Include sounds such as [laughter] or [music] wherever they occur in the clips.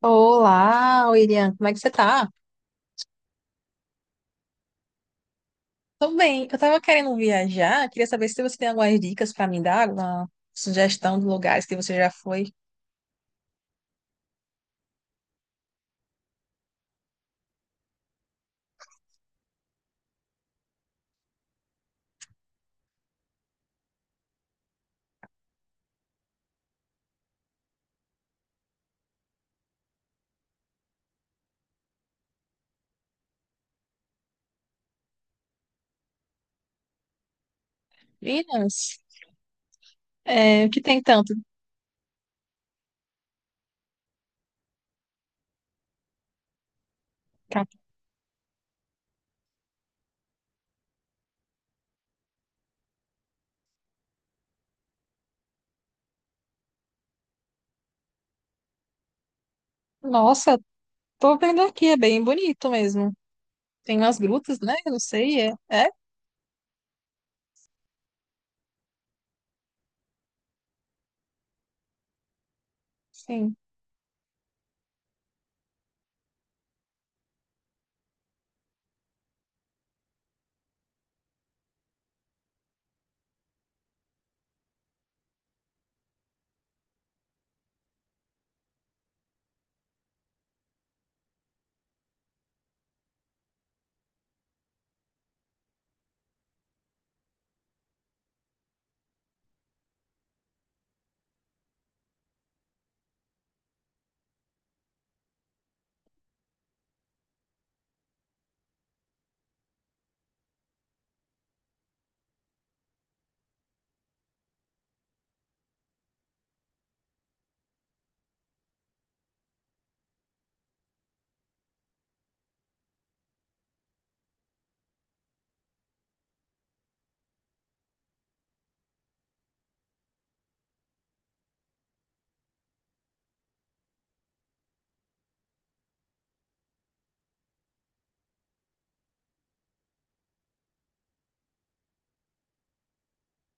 Olá, William, como é que você tá? Tô bem, eu tava querendo viajar, queria saber se você tem algumas dicas pra me dar, alguma sugestão de lugares que você já foi. Minas, o que tem tanto? Cap- Nossa, tô vendo aqui, é bem bonito mesmo. Tem umas grutas, né? Eu não sei. É, é, sim.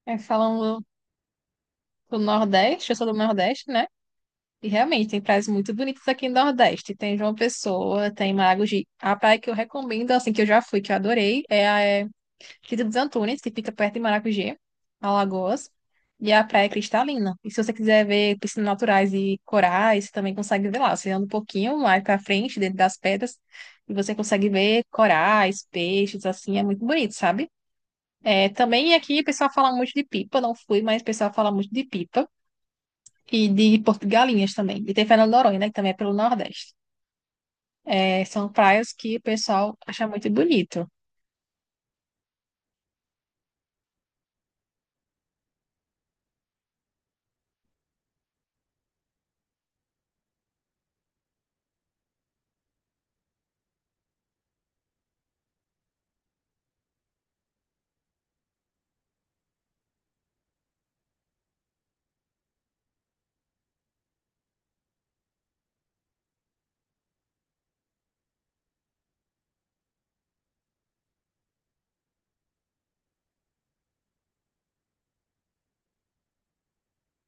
É falando do Nordeste, eu sou do Nordeste, né? E realmente tem praias muito bonitas aqui no Nordeste. Tem João Pessoa, tem Maragogi. A praia que eu recomendo, assim, que eu já fui, que eu adorei, é a Quinta dos Antunes, que fica perto de Maracujê, Alagoas, e a praia é cristalina. E se você quiser ver piscinas naturais e corais, você também consegue ver lá. Você anda um pouquinho mais pra frente, dentro das pedras, e você consegue ver corais, peixes, assim, é muito bonito, sabe? É, também aqui o pessoal fala muito de pipa, não fui, mas o pessoal fala muito de pipa. E de Porto de Galinhas também. E tem Fernando de Noronha, né, que também é pelo Nordeste. É, são praias que o pessoal acha muito bonito.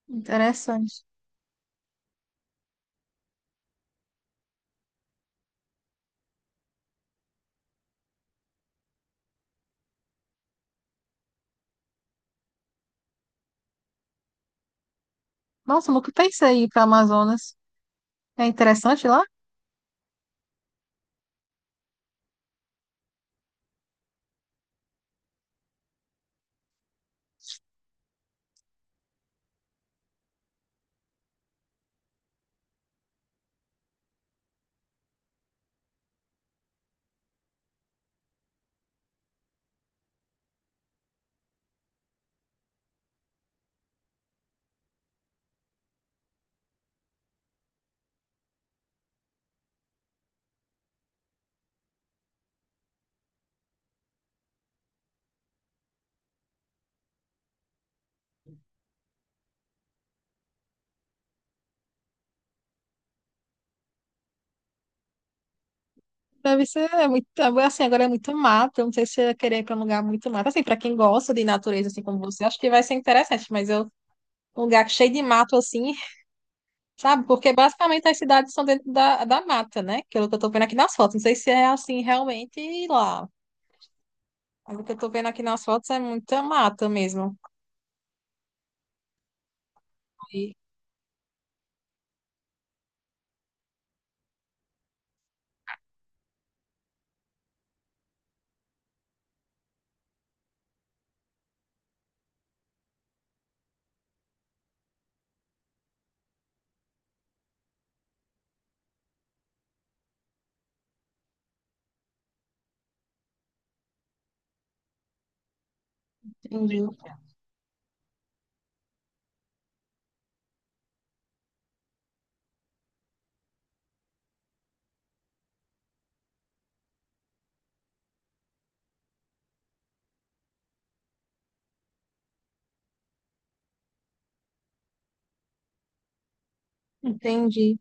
Interessante. Nossa, eu nunca pensei em ir para Amazonas. É interessante lá? Deve ser muito, assim, agora é muito mato, eu não sei se eu ia querer ir para um lugar muito mato. Assim, para quem gosta de natureza, assim como você, acho que vai ser interessante, mas eu, um lugar cheio de mato, assim, sabe? Porque basicamente as cidades são dentro da mata, né? Que é o que eu tô vendo aqui nas fotos. Não sei se é assim realmente lá. Mas o que eu tô vendo aqui nas fotos é muita mata mesmo. E- Entendi. Entendi.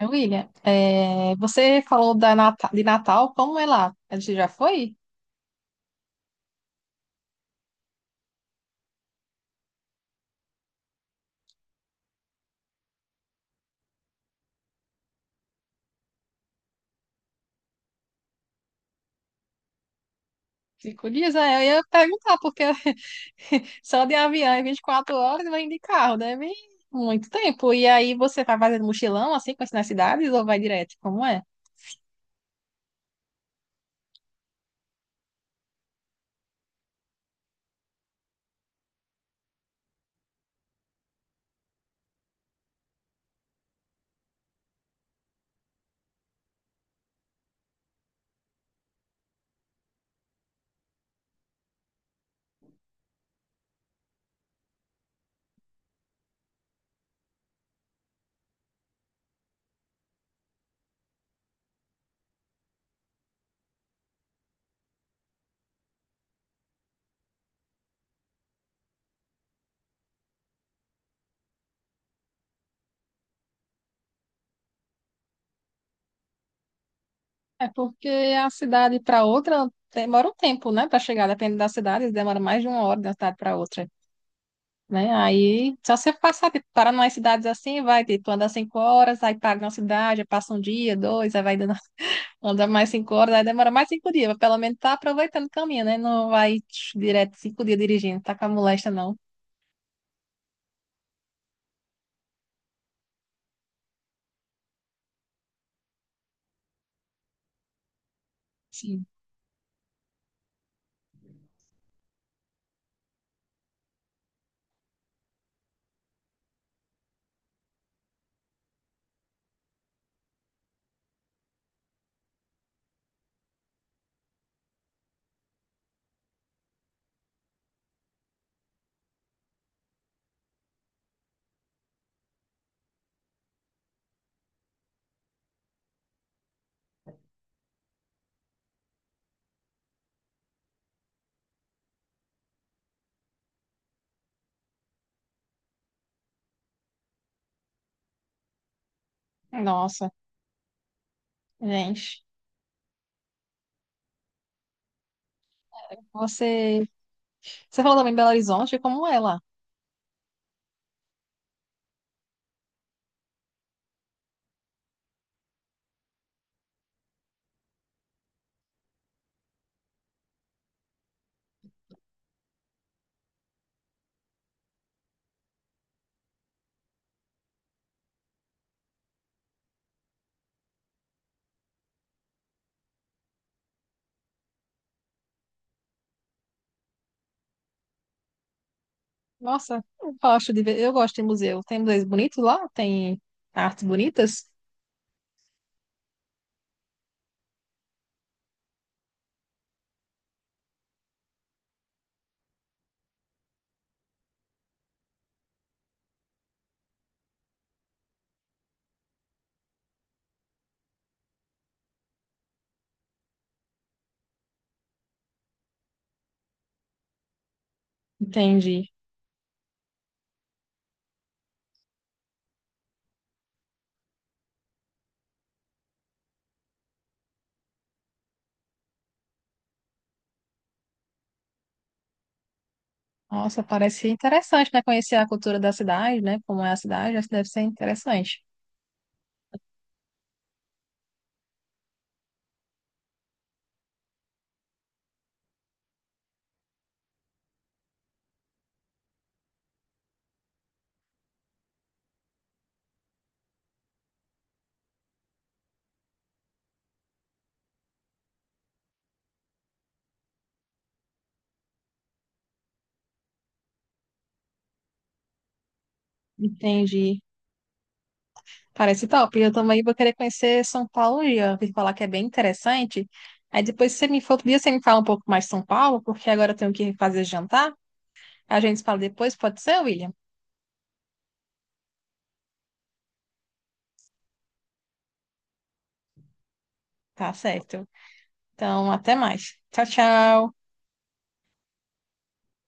É, William, você falou da de Natal, como é lá? Você já foi? Cinco dias, eu ia perguntar, porque [laughs] só de avião é 24 horas, mas de carro deve muito tempo. E aí você vai fazendo mochilão, assim, conhecendo as cidades, ou vai direto? Como é? É porque a cidade para outra demora um tempo, né, para chegar, depende da cidade, demora mais de uma hora de uma cidade para outra, né? Aí, só você passar, tipo, para umas cidades assim, vai, tipo, andar 5 horas, aí para uma cidade, passa um dia, dois, aí vai dando. Anda mais 5 horas, aí demora mais 5 dias, mas pelo menos tá aproveitando o caminho, né? Não vai tch, direto 5 dias dirigindo, tá com a molesta, não. Sim. Nossa, gente. Você, você falou também em Belo Horizonte, como é lá? Nossa, eu gosto de ver, eu gosto de museu. Tem museus bonitos lá? Tem artes bonitas? Entendi. Nossa, parece interessante, né? Conhecer a cultura da cidade, né? Como é a cidade, acho que deve ser interessante. Entendi. Parece top. Eu também vou querer conhecer São Paulo e eu ouvi falar que é bem interessante. Aí depois, se você me for outro dia, você me fala um pouco mais de São Paulo, porque agora eu tenho que fazer jantar. A gente se fala depois, pode ser, William? Tá certo. Então, até mais. Tchau, tchau.